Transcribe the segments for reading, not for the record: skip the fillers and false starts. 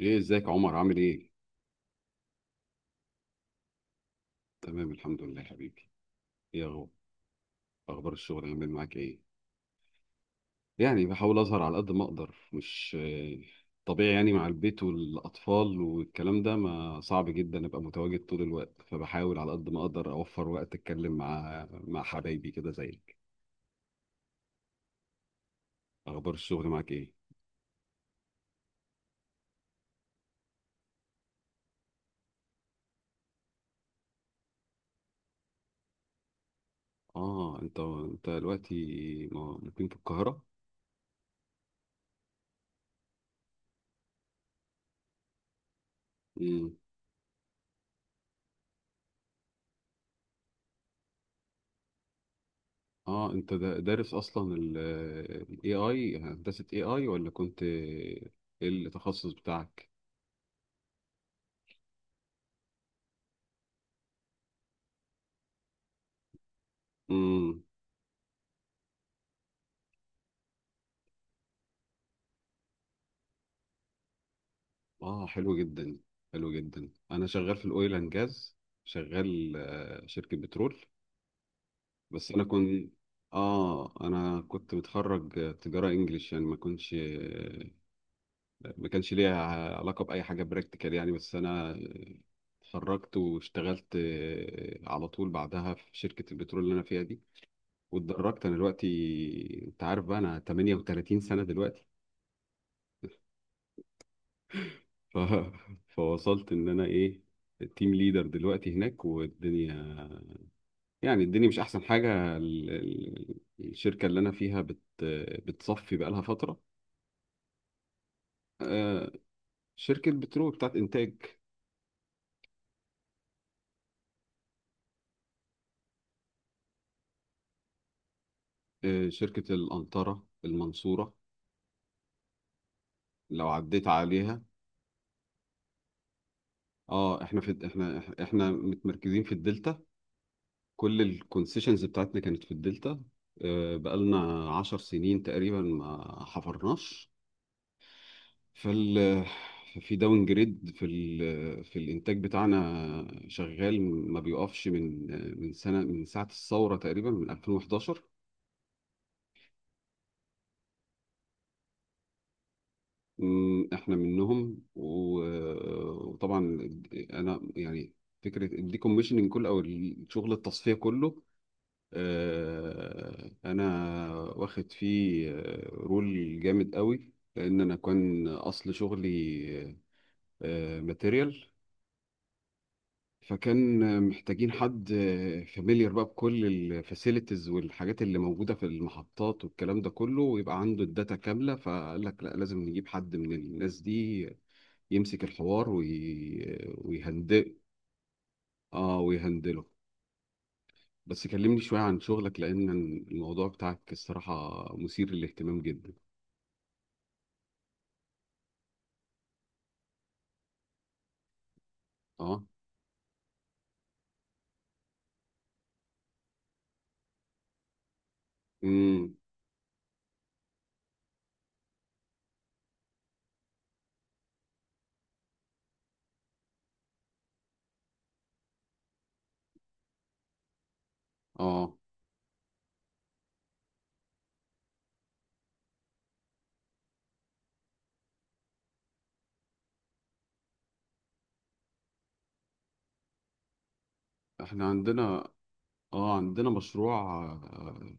ايه، ازيك يا عمر؟ عامل ايه؟ تمام، الحمد لله حبيبي. ايه أغ- اخبار الشغل عامل معاك ايه؟ يعني بحاول اظهر على قد ما اقدر، مش طبيعي، يعني مع البيت والاطفال والكلام ده، ما صعب جدا ابقى متواجد طول الوقت، فبحاول على قد ما اقدر اوفر وقت اتكلم مع حبايبي كده زيك. اخبار الشغل معاك ايه؟ اه، انت دلوقتي مقيم في القاهرة؟ اه، انت دارس اصلا ال AI، هندسة AI ولا كنت ايه التخصص بتاعك؟ امم. اه، حلو جدا، حلو جدا. انا شغال في الاويل اند جاز، شغال شركة بترول. بس انا كنت، اه انا كنت متخرج تجارة انجليش، يعني ما كانش ليا علاقة بأي حاجة براكتيكال يعني. بس انا اتخرجت واشتغلت على طول بعدها في شركة البترول اللي انا فيها دي، واتدرجت. انا دلوقتي انت عارف بقى، انا 38 سنة دلوقتي. ف... فوصلت ان انا ايه، التيم ليدر دلوقتي هناك. والدنيا يعني، الدنيا مش احسن حاجة. الشركة اللي انا فيها بتصفي بقى لها فترة. آه، شركة بترول بتاعت انتاج. شركة القنطرة المنصورة، لو عديت عليها. اه، احنا متمركزين في الدلتا، كل الكونسيشنز بتاعتنا كانت في الدلتا. بقالنا 10 سنين تقريبا ما حفرناش. فال في داون جريد في الانتاج بتاعنا، شغال ما بيقفش، من سنه، من ساعه الثوره، تقريبا من 2011. احنا منهم وطبعا انا يعني فكره الديكوميشننج كله او شغل التصفيه كله. انا واخد فيه رول جامد قوي، لان انا كان اصل شغلي ماتيريال، فكان محتاجين حد فاميليار بقى بكل الفاسيلتيز والحاجات اللي موجوده في المحطات والكلام ده كله، ويبقى عنده الداتا كامله. فقال لك لا، لازم نجيب حد من الناس دي يمسك الحوار وي... آه، ويهندل، اه ويهندله. بس كلمني شويه عن شغلك، لان الموضوع بتاعك الصراحه مثير للاهتمام جدا. اه. امم. اه، احنا عندنا اه عندنا مشروع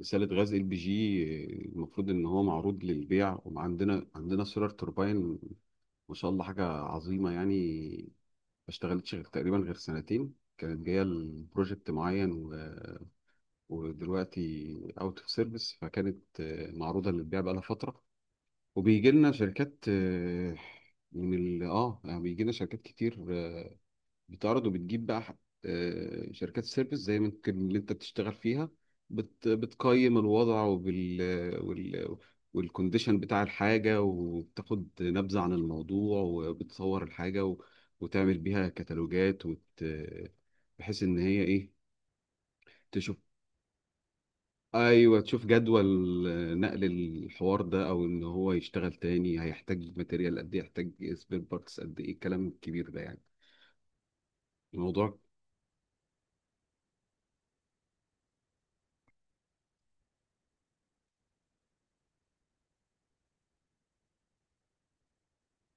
رسالة غاز ال بي جي، المفروض ان هو معروض للبيع. وعندنا سولار توربين، ما شاء الله حاجة عظيمة يعني. ما اشتغلتش غير تقريبا غير سنتين، كانت جاية لبروجكت معين، ودلوقتي اوت اوف سيرفيس. فكانت معروضة للبيع بقالها فترة، وبيجي لنا شركات من ال اه يعني بيجي لنا شركات كتير بتعرض وبتجيب بقى، شركات سيرفيس زي ما يمكن اللي انت بتشتغل فيها، بتقيم الوضع، وبال وال والكونديشن بتاع الحاجة، وبتاخد نبذة عن الموضوع، وبتصور الحاجة وتعمل بيها كتالوجات بحيث ان هي ايه، تشوف. ايوه، تشوف جدول نقل الحوار ده، او ان هو يشتغل تاني هيحتاج ماتيريال قد ايه، يحتاج سبير بارتس قد ايه، الكلام الكبير ده يعني. الموضوع.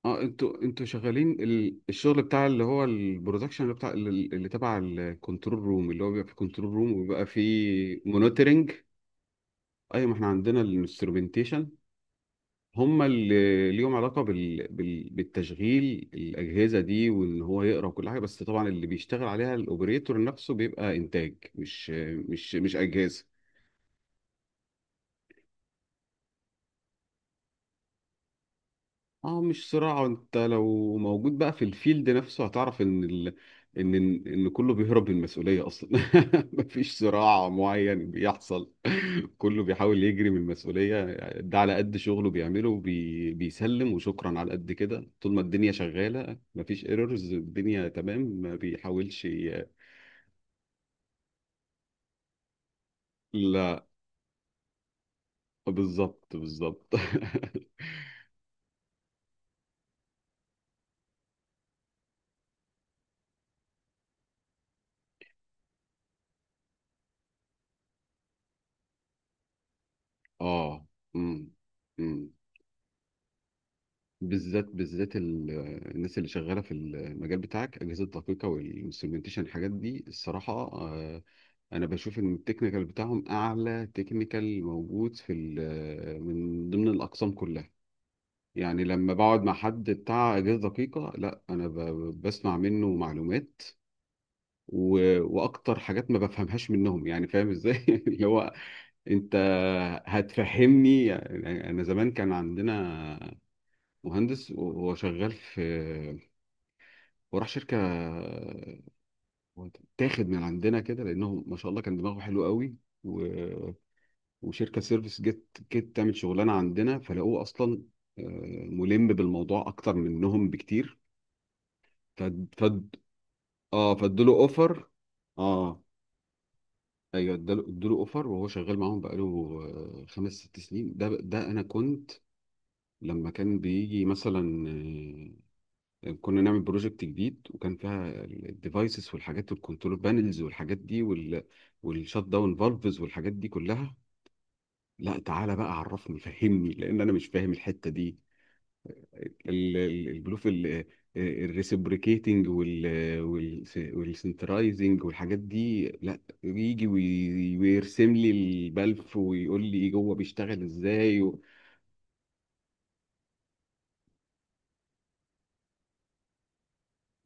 اه، انتوا شغالين الشغل بتاع اللي هو البرودكشن، اللي بتاع اللي تبع الكنترول روم، اللي هو بيبقى في كنترول روم وبيبقى فيه مونيتورنج. ايوه، ما احنا عندنا الانسترومنتيشن، هم اللي ليهم علاقه بالتشغيل. الاجهزه دي وان هو يقرا وكل حاجه، بس طبعا اللي بيشتغل عليها الاوبريتور نفسه، بيبقى انتاج، مش اجهزه. اه، مش صراع. انت لو موجود بقى في الفيلد نفسه هتعرف ان ال... ان ان كله بيهرب من المسؤوليه اصلا. مفيش صراع معين بيحصل، كله بيحاول يجري من المسؤوليه، ده على قد شغله بيعمله بيسلم وشكرا على قد كده. طول ما الدنيا شغاله مفيش ايرورز، الدنيا تمام، ما بيحاولش لا. بالظبط، بالظبط. اه. امم. امم. بالذات، بالذات الناس اللي شغاله في المجال بتاعك، اجهزه دقيقه والانسترومنتيشن الحاجات دي الصراحه، انا بشوف ان التكنيكال بتاعهم اعلى تكنيكال موجود من ضمن الاقسام كلها. يعني لما بقعد مع حد بتاع اجهزه دقيقه، لا، انا بسمع منه معلومات و... واكتر حاجات ما بفهمهاش منهم، يعني فاهم ازاي؟ اللي هو انت هتفهمني يعني. انا زمان كان عندنا مهندس، وهو شغال في، وراح شركه تاخد من عندنا كده، لانهم ما شاء الله كان دماغه حلو قوي. و... وشركه سيرفيس جت تعمل شغلانه عندنا، فلقوه اصلا آه، ملم بالموضوع اكتر منهم بكتير. فد فد اه، فادوله اوفر. اه، ايوه، ادوله اوفر، وهو شغال معاهم بقاله خمس ست سنين. ده انا كنت لما كان بيجي مثلا كنا نعمل بروجكت جديد، وكان فيها الديفايسز والحاجات والكنترول بانلز والحاجات دي والشات داون فالفز والحاجات دي كلها، لا تعالى بقى عرفني، فهمني، لان انا مش فاهم الحته دي. البلوف الريسبريكيتنج والسنترايزنج والحاجات دي، لا يجي ويرسم لي البلف ويقول لي ايه جوه، بيشتغل ازاي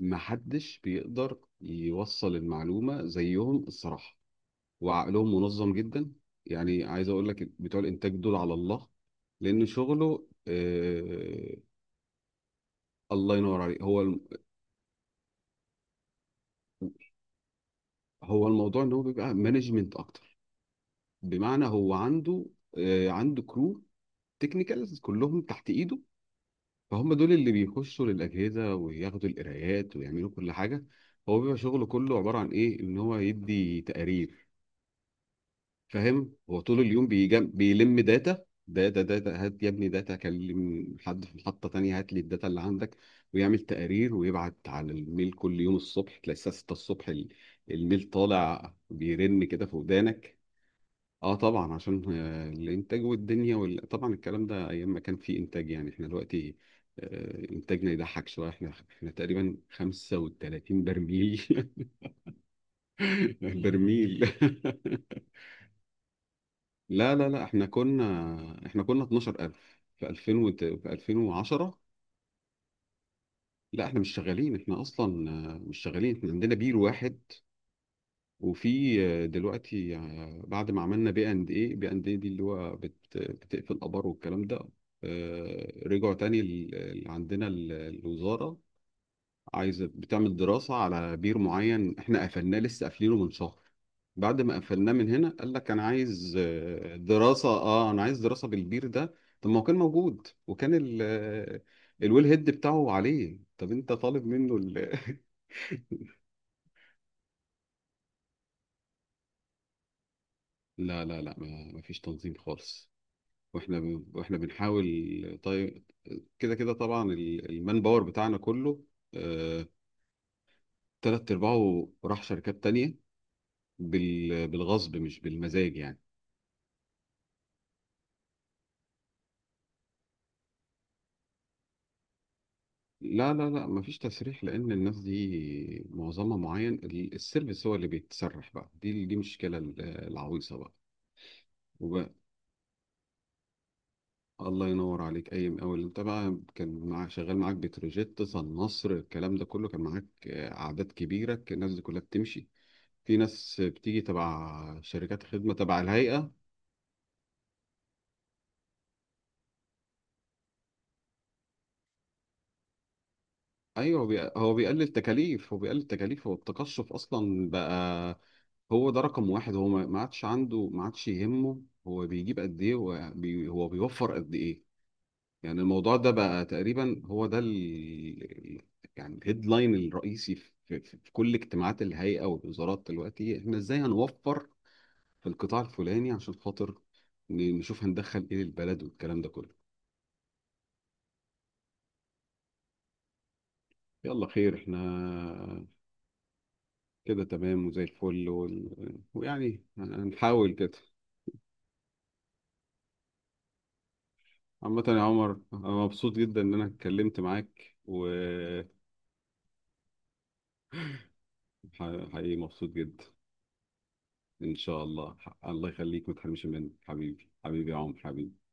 محدش بيقدر يوصل المعلومه زيهم الصراحه، وعقلهم منظم جدا. يعني عايز اقول لك بتوع الانتاج دول على الله، لان شغله آه. الله ينور عليك. هو الموضوع ان هو بيبقى مانجمنت اكتر. بمعنى هو عنده عنده كرو، تكنيكالز كلهم تحت ايده، فهم دول اللي بيخشوا للاجهزه وياخدوا القرايات ويعملوا كل حاجه. هو بيبقى شغله كله عباره عن ايه؟ ان هو يدي تقارير. فاهم؟ هو طول اليوم بيلم داتا داتا داتا، هات يا ابني داتا، كلم حد في محطة تانية هات لي الداتا اللي عندك، ويعمل تقارير ويبعت على الميل، كل يوم الصبح تلاقي الساعة 6 الصبح الميل طالع بيرن كده في ودانك. اه طبعا، عشان الانتاج والدنيا طبعا الكلام ده ايام ما كان في انتاج، يعني احنا دلوقتي انتاجنا يضحك شويه، احنا تقريبا 35 برميل. برميل. لا لا لا، احنا كنا، احنا كنا 12,000 في 2000 في 2010. لا، احنا مش شغالين، احنا اصلا مش شغالين. احنا عندنا بير واحد، وفي دلوقتي بعد ما عملنا بي اند ايه، بي اند ايه دي اللي هو بتقفل ابار والكلام ده. رجعوا تاني، عندنا الوزارة عايزة بتعمل دراسة على بير معين احنا قفلناه، لسه قافلينه من شهر. بعد ما قفلناه من هنا قال لك انا عايز دراسة. اه، انا عايز دراسة بالبير ده. طب ما هو كان موجود، وكان ال آه، الويل هيد بتاعه عليه، طب انت طالب منه لا لا لا، ما فيش تنظيم خالص. واحنا واحنا بنحاول طيب، كده كده. طبعا المان باور بتاعنا كله آه، تلات ارباعه راح شركات تانية، بالغصب مش بالمزاج يعني. لا لا لا، مفيش تسريح، لان الناس دي معظمها معين. السيرفيس هو اللي بيتسرح بقى، دي مشكله العويصه بقى. وبقى الله ينور عليك. اي مقاول انت بقى كان معاك شغال معاك، بتروجيت، صن، نصر، الكلام ده كله، كان معاك اعداد كبيره، كان الناس دي كلها بتمشي، في ناس بتيجي تبع شركات خدمه تبع الهيئه. ايوه، هو بيقلل تكاليف، هو التقشف اصلا بقى. هو ده رقم واحد، هو ما ما عادش عنده ما عادش يهمه هو بيجيب قد ايه، هو بيوفر قد ايه. يعني الموضوع ده بقى تقريبا هو ده ال، يعني الهيدلاين الرئيسي في كل اجتماعات الهيئة والوزارات دلوقتي، احنا ازاي هنوفر في القطاع الفلاني عشان خاطر نشوف هندخل ايه للبلد والكلام ده كله. يلا خير، احنا كده تمام وزي الفل ويعني هنحاول كده. عامة يا عمر، أنا مبسوط جدا إن أنا اتكلمت معاك، وحقيقي مبسوط جدا. إن شاء الله، الله يخليك، ما تحرمش مني حبيبي، حبيبي يا عمر، حبيبي.